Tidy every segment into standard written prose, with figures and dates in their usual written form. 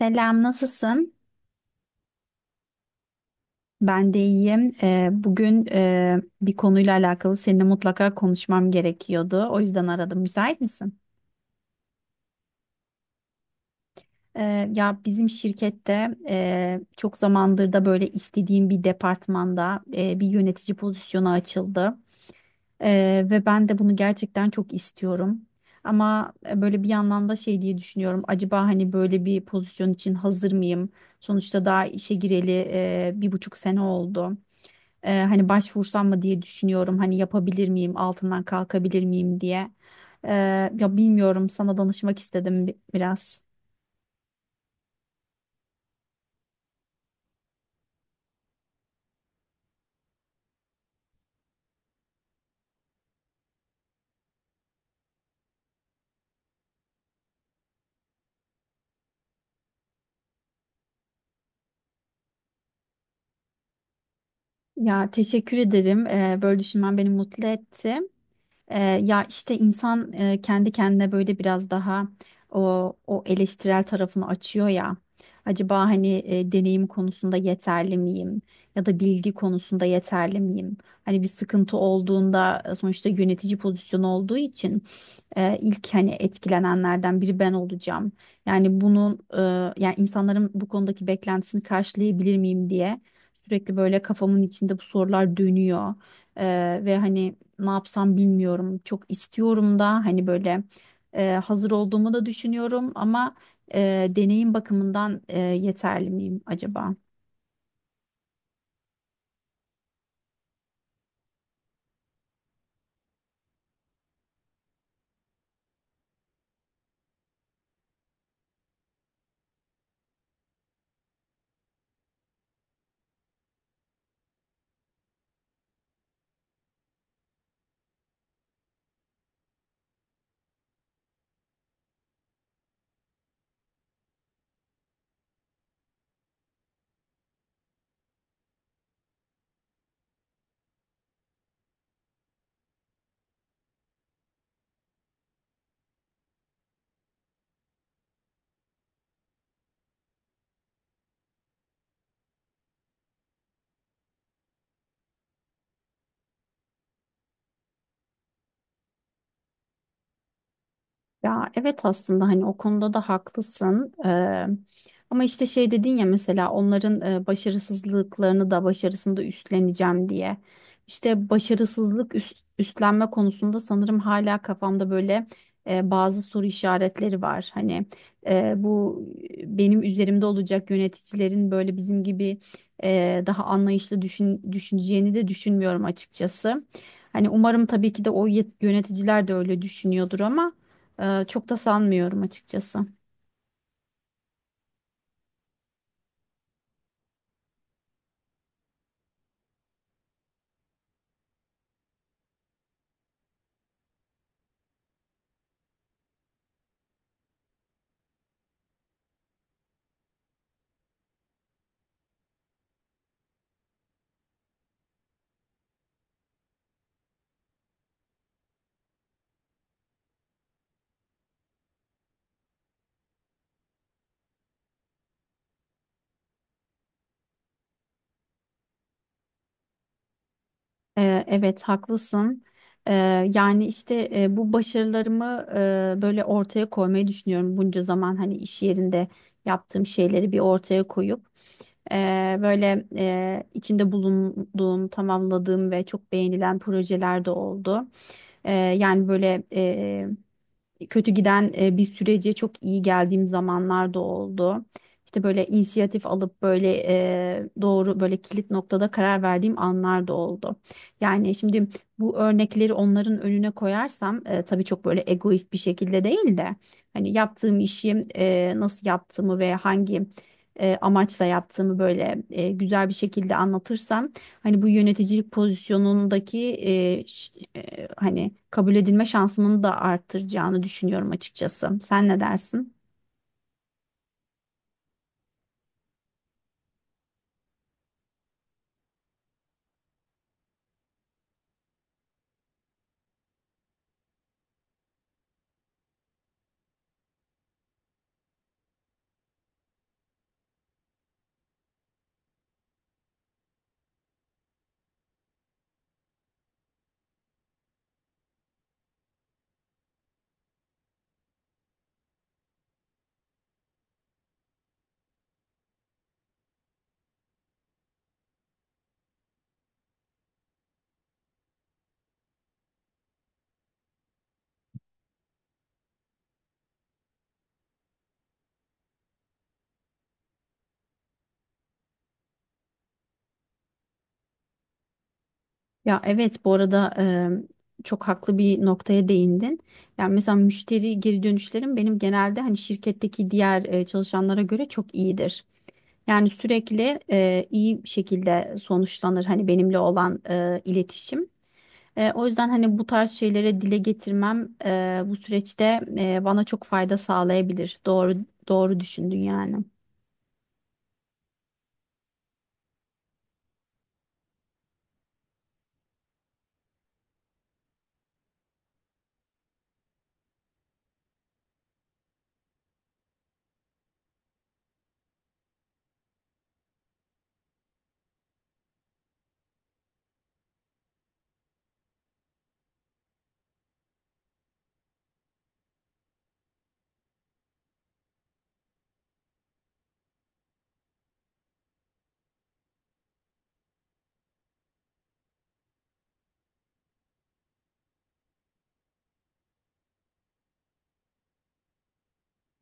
Selam, nasılsın? Ben de iyiyim. Bugün bir konuyla alakalı seninle mutlaka konuşmam gerekiyordu. O yüzden aradım. Müsait misin? Ya bizim şirkette çok zamandır da böyle istediğim bir departmanda bir yönetici pozisyonu açıldı. Ve ben de bunu gerçekten çok istiyorum. Ama böyle bir yandan da şey diye düşünüyorum. Acaba hani böyle bir pozisyon için hazır mıyım? Sonuçta daha işe gireli bir buçuk sene oldu. Hani başvursam mı diye düşünüyorum. Hani yapabilir miyim, altından kalkabilir miyim diye. Ee, ya bilmiyorum sana danışmak istedim biraz. Ya teşekkür ederim. Böyle düşünmen beni mutlu etti. Ee, ya işte insan kendi kendine böyle biraz daha o eleştirel tarafını açıyor ya. Acaba hani deneyim konusunda yeterli miyim? Ya da bilgi konusunda yeterli miyim? Hani bir sıkıntı olduğunda sonuçta yönetici pozisyonu olduğu için ilk hani etkilenenlerden biri ben olacağım. Yani yani insanların bu konudaki beklentisini karşılayabilir miyim diye sürekli böyle kafamın içinde bu sorular dönüyor. E, ve hani ne yapsam bilmiyorum. Çok istiyorum da hani böyle hazır olduğumu da düşünüyorum ama deneyim bakımından yeterli miyim acaba? Ya evet aslında hani o konuda da haklısın. Ama işte şey dedin ya mesela onların başarısızlıklarını da başarısını da üstleneceğim diye. İşte başarısızlık üstlenme konusunda sanırım hala kafamda böyle bazı soru işaretleri var. Hani bu benim üzerimde olacak yöneticilerin böyle bizim gibi daha anlayışlı düşüneceğini de düşünmüyorum açıkçası. Hani umarım tabii ki de o yöneticiler de öyle düşünüyordur ama. Çok da sanmıyorum açıkçası. Evet haklısın. Ee, yani işte bu başarılarımı böyle ortaya koymayı düşünüyorum bunca zaman hani iş yerinde yaptığım şeyleri bir ortaya koyup e, böyle içinde bulunduğum, tamamladığım ve çok beğenilen projeler de oldu. Yani böyle kötü giden bir sürece çok iyi geldiğim zamanlar da oldu. İşte böyle inisiyatif alıp böyle doğru böyle kilit noktada karar verdiğim anlar da oldu. Yani şimdi bu örnekleri onların önüne koyarsam tabii çok böyle egoist bir şekilde değil de hani yaptığım işi nasıl yaptığımı ve hangi amaçla yaptığımı böyle güzel bir şekilde anlatırsam hani bu yöneticilik pozisyonundaki hani kabul edilme şansımın da arttıracağını düşünüyorum açıkçası. Sen ne dersin? Ya evet bu arada çok haklı bir noktaya değindin. Yani mesela müşteri geri dönüşlerim benim genelde hani şirketteki diğer çalışanlara göre çok iyidir. Yani sürekli iyi şekilde sonuçlanır hani benimle olan iletişim. O yüzden hani bu tarz şeylere dile getirmem bu süreçte bana çok fayda sağlayabilir. Doğru doğru düşündün yani.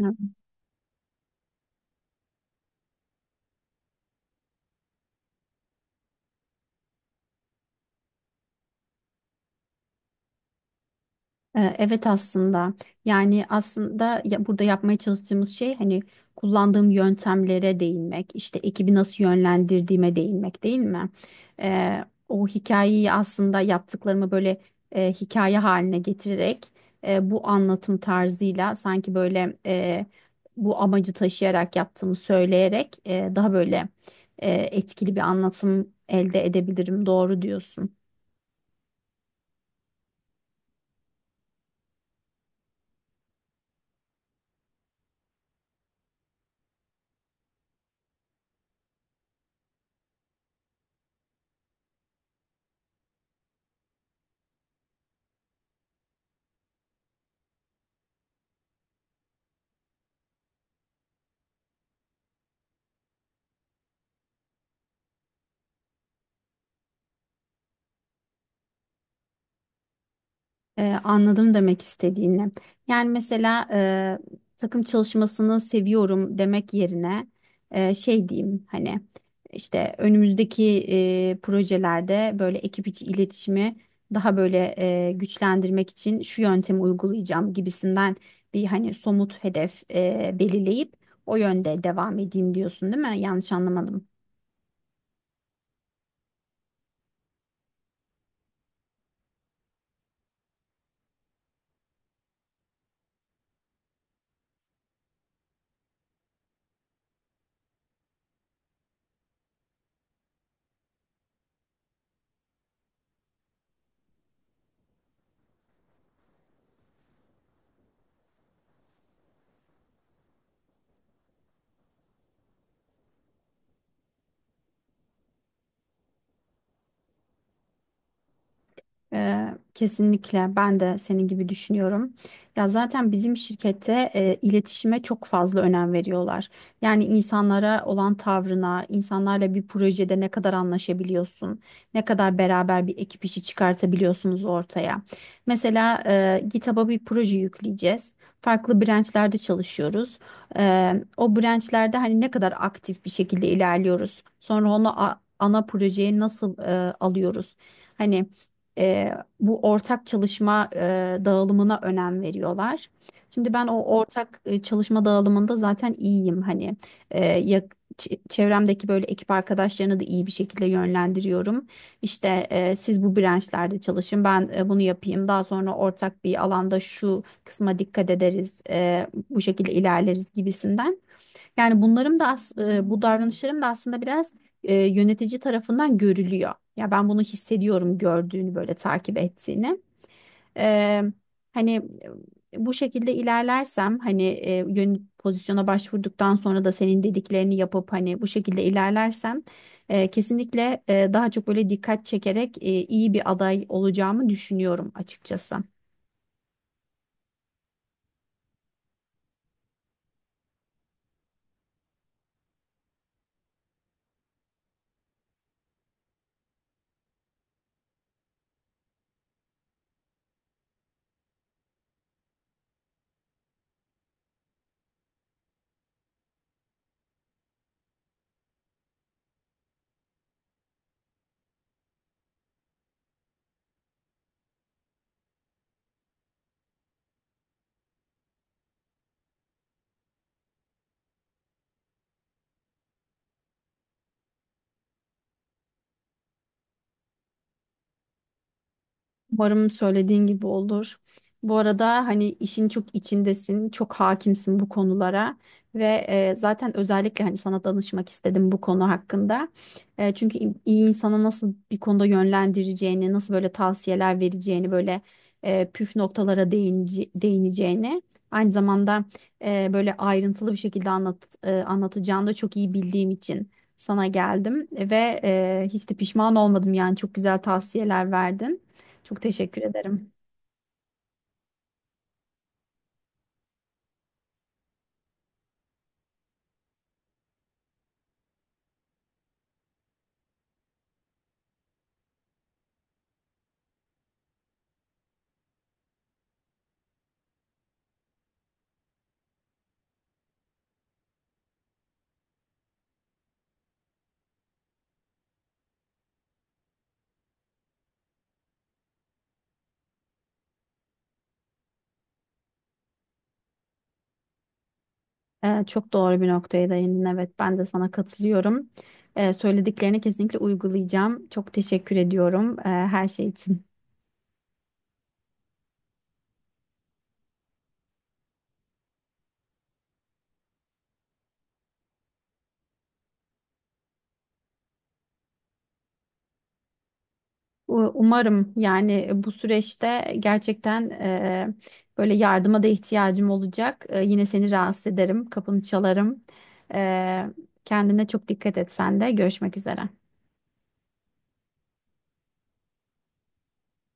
Evet. Evet aslında yani aslında burada yapmaya çalıştığımız şey hani kullandığım yöntemlere değinmek işte ekibi nasıl yönlendirdiğime değinmek değil mi? O hikayeyi aslında yaptıklarımı böyle hikaye haline getirerek bu anlatım tarzıyla sanki böyle bu amacı taşıyarak yaptığımı söyleyerek daha böyle etkili bir anlatım elde edebilirim doğru diyorsun. Anladım demek istediğini. Yani mesela takım çalışmasını seviyorum demek yerine şey diyeyim hani işte önümüzdeki projelerde böyle ekip içi iletişimi daha böyle güçlendirmek için şu yöntemi uygulayacağım gibisinden bir hani somut hedef belirleyip o yönde devam edeyim diyorsun değil mi? Yanlış anlamadım. Ee, kesinlikle ben de senin gibi düşünüyorum. Ya zaten bizim şirkette iletişime çok fazla önem veriyorlar. Yani insanlara olan tavrına, insanlarla bir projede ne kadar anlaşabiliyorsun, ne kadar beraber bir ekip işi çıkartabiliyorsunuz ortaya. Mesela GitHub'a bir proje yükleyeceğiz. Farklı branchlerde çalışıyoruz. O branchlerde hani ne kadar aktif bir şekilde ilerliyoruz. Sonra onu ana projeye nasıl alıyoruz? Hani e, bu ortak çalışma dağılımına önem veriyorlar. Şimdi ben o ortak çalışma dağılımında zaten iyiyim hani e, ya- çevremdeki böyle ekip arkadaşlarını da iyi bir şekilde yönlendiriyorum. İşte siz bu branşlarda çalışın, ben bunu yapayım. Daha sonra ortak bir alanda şu kısma dikkat ederiz, bu şekilde ilerleriz gibisinden. Yani bunlarım da as e, bu davranışlarım da aslında biraz yönetici tarafından görülüyor. Ya ben bunu hissediyorum gördüğünü böyle takip ettiğini. Eee, hani bu şekilde ilerlersem hani yön pozisyona başvurduktan sonra da senin dediklerini yapıp hani bu şekilde ilerlersem kesinlikle daha çok böyle dikkat çekerek iyi bir aday olacağımı düşünüyorum açıkçası. Umarım söylediğin gibi olur. Bu arada hani işin çok içindesin, çok hakimsin bu konulara ve zaten özellikle hani sana danışmak istedim bu konu hakkında. Çünkü iyi insana nasıl bir konuda yönlendireceğini, nasıl böyle tavsiyeler vereceğini, böyle püf noktalara değineceğini, aynı zamanda böyle ayrıntılı bir şekilde anlatacağını da çok iyi bildiğim için sana geldim ve hiç de pişman olmadım yani çok güzel tavsiyeler verdin. Çok teşekkür ederim. Çok doğru bir noktaya değindin. Evet, ben de sana katılıyorum. Söylediklerini kesinlikle uygulayacağım. Çok teşekkür ediyorum her şey için. Umarım yani bu süreçte gerçekten böyle yardıma da ihtiyacım olacak. Yine seni rahatsız ederim, kapını çalarım. E, kendine çok dikkat et sen de. Görüşmek üzere.